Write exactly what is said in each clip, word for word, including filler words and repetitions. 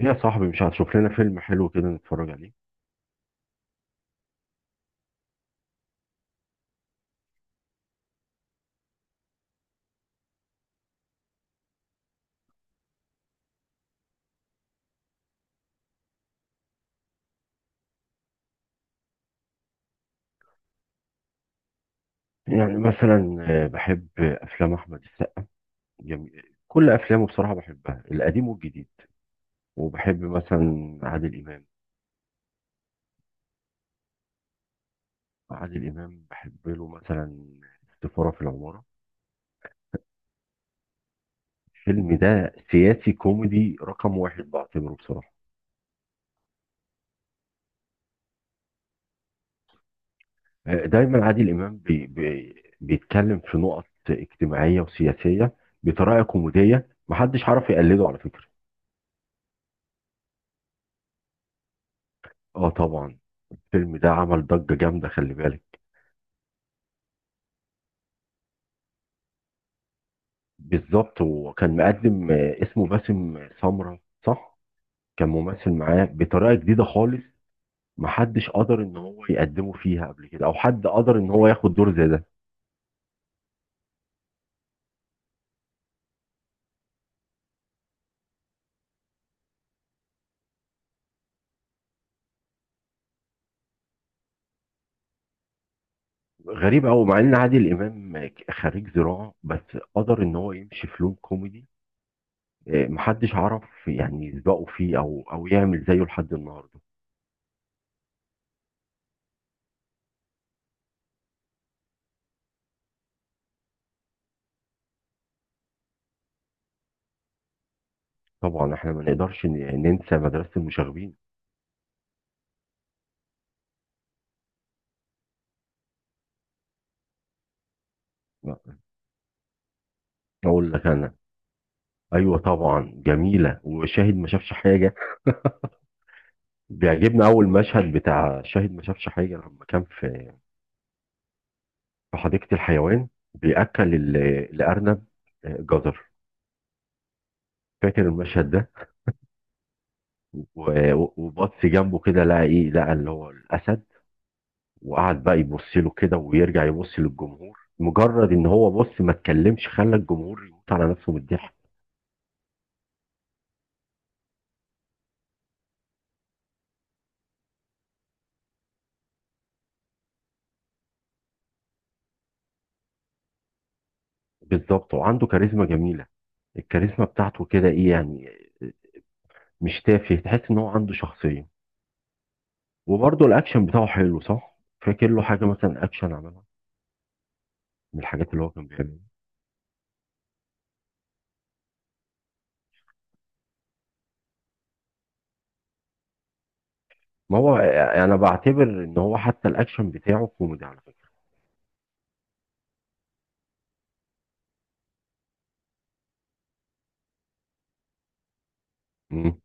يا صاحبي، مش هتشوف لنا فيلم حلو كده نتفرج عليه؟ يعني مثلا آه، بحب افلام احمد السقا. جميل. كل افلامه بصراحه بحبها، القديم والجديد. وبحب مثلا عادل امام. عادل امام بحب له مثلا السفاره في العماره. الفيلم ده سياسي كوميدي رقم واحد بعتبره بصراحه. آه، دايما عادل امام بي بي بيتكلم في نقط اجتماعيه وسياسيه بطريقه كوميديه، محدش عارف يقلده على فكره. اه، طبعا. الفيلم ده عمل ضجه جامده، خلي بالك. بالظبط، وكان مقدم آه، اسمه باسم سمرة، صح. كان ممثل معاه بطريقة جديدة خالص، محدش قدر ان هو يقدمه فيها قبل كده، او حد قدر ان هو ياخد دور زي ده. غريب قوي مع ان عادل امام خريج زراعة، بس قدر ان هو يمشي في لون كوميدي. آه، محدش عرف يعني يسبقه فيه او او يعمل زيه لحد النهارده. طبعا احنا ما نقدرش ن- ننسى مدرسة المشاغبين. اقول لك انا، ايوه طبعا، جميلة، وشاهد ما شافش حاجة. بيعجبني اول مشهد بتاع شاهد ما شافش حاجه، لما كان في في حديقه الحيوان، بياكل ال- الارنب آه، جزر. فاكر المشهد ده؟ و- و- وبطس جنبه كده، لقى ايه، لقى اللي هو الاسد، وقعد بقى يبص له كده ويرجع يبص للجمهور، مجرد ان هو بص ما اتكلمش خلى الجمهور يموت على نفسه من الضحك. بالظبط، وعنده كاريزما جميله. الكاريزما بتاعته كده ايه يعني، مش تافه، تحس ان هو عنده شخصيه. وبرضه الاكشن بتاعه حلو، صح؟ فاكر له حاجه مثلا اكشن عملها؟ من الحاجات اللي هو كان بيعملها، ما هو انا بعتبر ان هو حتى الاكشن بتاعه كوميدي على فكره. مم.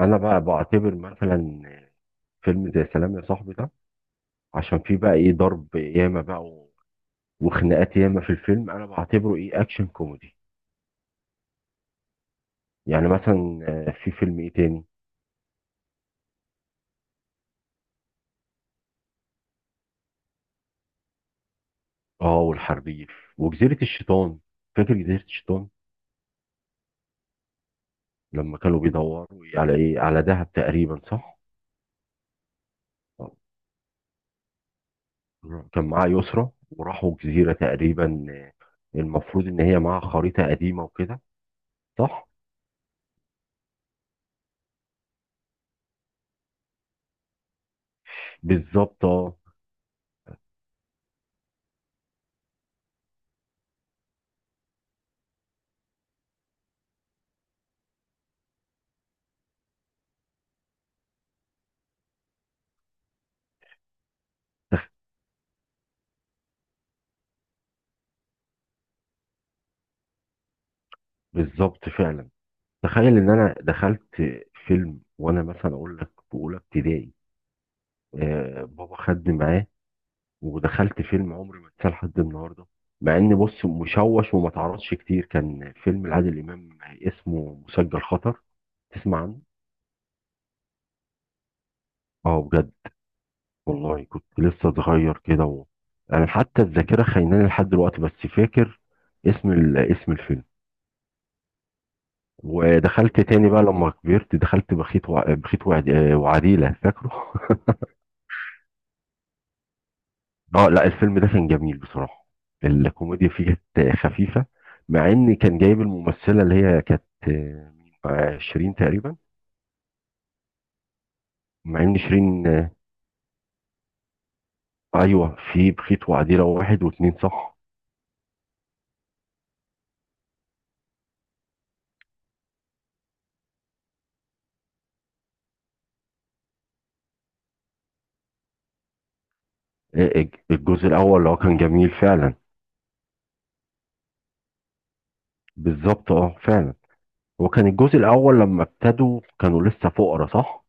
انا بقى بعتبر مثلا فيلم زي سلام يا صاحبي ده، عشان فيه بقى ايه، ضرب ياما بقى و- وخناقات ياما في الفيلم، انا بعتبره ايه، اكشن كوميدي. يعني مثلا آه، في فيلم ايه تاني؟ اه، والحربيف وجزيرة الشيطان. فاكر جزيرة الشيطان؟ لما كانوا بيدوروا على ايه، على دهب تقريبا، صح؟ آه. كان معاه يسرا، وراحوا جزيرة تقريبا، المفروض ان هي معاها خريطة قديمة وكده، صح؟ بالظبط. اه. تخ- بالظبط فعلا. تخيل ان انا دخلت فيلم، وانا مثلا اقول لك في اولى ابتدائي، آه بابا خدني معاه، ودخلت فيلم عمري ما انساه لحد النهارده. مع ان بص، مشوش وما تعرضش كتير، كان فيلم لعادل امام اسمه مسجل خطر. تسمع عنه؟ اه، بجد. والله كنت لسه صغير كده. و... انا حتى الذاكره خايناني لحد دلوقتي، بس فاكر اسم ال... اسم الفيلم. ودخلت تاني بقى لما كبرت، دخلت بخيت وع... بخيت وعد... آه، وعديلة، فاكره؟ اه لا، الفيلم ده كان جميل بصراحة، الكوميديا فيه كانت خفيفة. مع ان كان جايب الممثلة اللي هي كانت آه، آه، شيرين تقريبا. مع ان شيرين آه، ايوه، في بخيت وعديلة واحد واتنين، صح. آه، الج- الجزء الاول اللي هو كان جميل فعلا. بالظبط، اه، فعلا. هو كان الجزء الاول، لما ابتدوا كانوا لسه فقراء، صح؟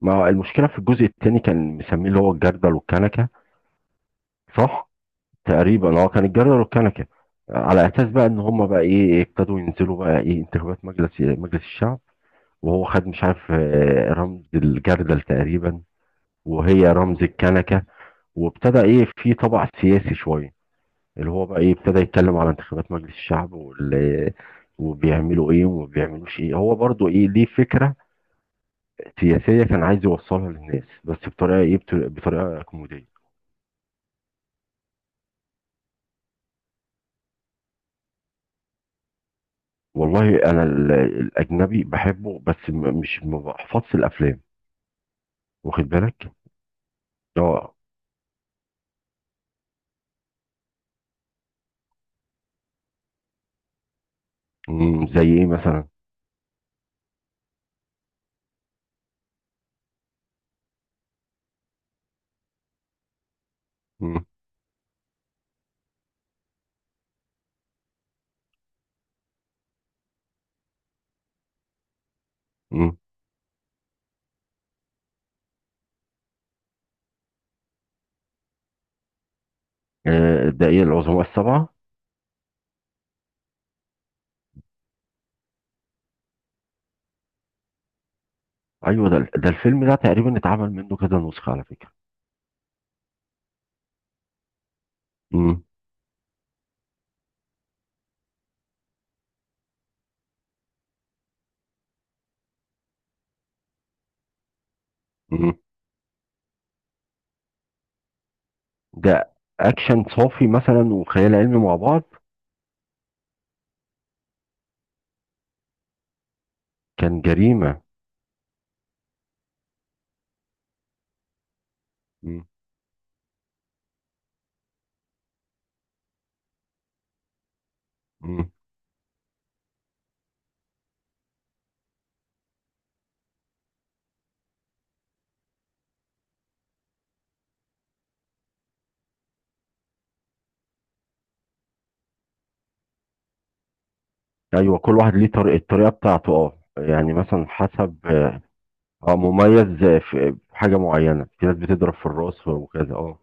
ما المشكلة، في الجزء التاني كان مسميه اللي هو الجردل والكنكة، صح. تقريبا هو كان الجزر والكنكه، على اساس بقى ان هم بقى ايه، ابتدوا ينزلوا بقى ايه، انتخابات مجلس مجلس الشعب، وهو خد مش عارف آه، رمز الجردل تقريبا، وهي رمز الكنكه. وابتدى ايه في طبع سياسي شويه، اللي هو بقى ايه، ابتدى يتكلم على انتخابات مجلس الشعب وال وبيعملوا ايه وما بيعملوش ايه، هو برضو ايه، ليه فكره سياسيه كان عايز يوصلها للناس، بس بطريقه ايه، بت- بطريقه كوميديه. والله انا ال- الاجنبي بحبه، بس م- مش ما بحفظش الافلام، واخد بالك؟ اه. أمم، زي ايه مثلا؟ أمم. أمم. آه، ده ايه، العظماء السبعه؟ ايوه، ده ده الفيلم ده تقريبا اتعمل منه كذا نسخه على فكره. أمم. أمم. ده اكشن صافي مثلا، وخيال علمي مع بعض. كان جريمه. أمم. أمم. ايوه، كل واحد ليه طريقه، الطريقه بتاعته، اه، يعني مثلا حسب، اه، آه، مميز في في حاجه معينه، في ناس بتضرب في الراس وكذا، اه.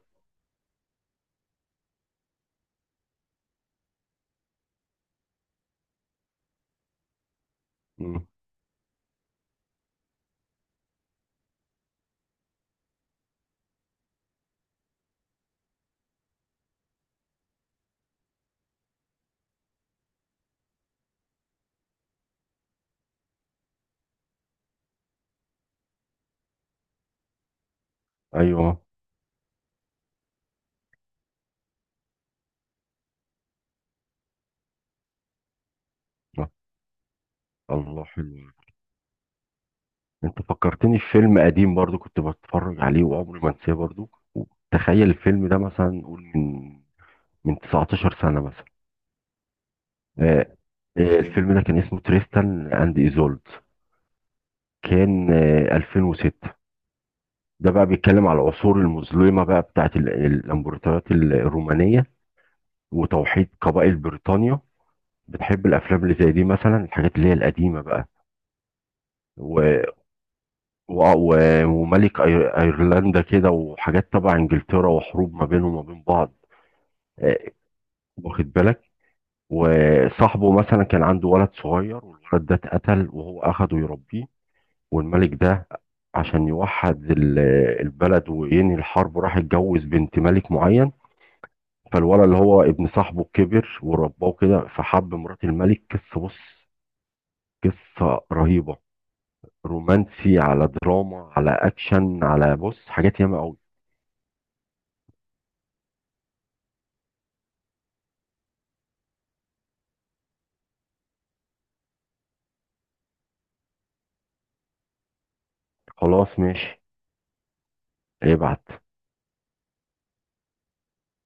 ايوه، الله، حلو. انت فكرتني في فيلم قديم برضو، كنت بتفرج عليه وعمري ما انساه برضو. تخيل الفيلم ده مثلا، نقول من من 19 سنة مثلا. آه، آه، الفيلم ده كان اسمه تريستان اند ايزولد، كان آه، ألفين وستة. ده بقى بيتكلم على العصور المظلمة بقى، بتاعت ال- الامبراطوريات ال- الرومانية وتوحيد قبائل بريطانيا. بتحب الافلام اللي زي دي مثلا، الحاجات اللي هي القديمة بقى؟ و- و- وملك أي- ايرلندا كده، وحاجات تبع انجلترا، وحروب ما بينهم وما بين بعض. آه، واخد بالك؟ وصاحبه مثلا كان عنده ولد صغير، والولد ده اتقتل وهو اخده يربيه. والملك ده عشان يوحد ال- البلد وينهي الحرب، راح اتجوز بنت ملك معين. فالولد اللي هو ابن صاحبه كبر ورباه كده، فحب مرات الملك، قصة، بص، قصة رهيبة، رومانسي على دراما على اكشن، على بص، حاجات ياما قوي. خلاص ماشي، ابعت.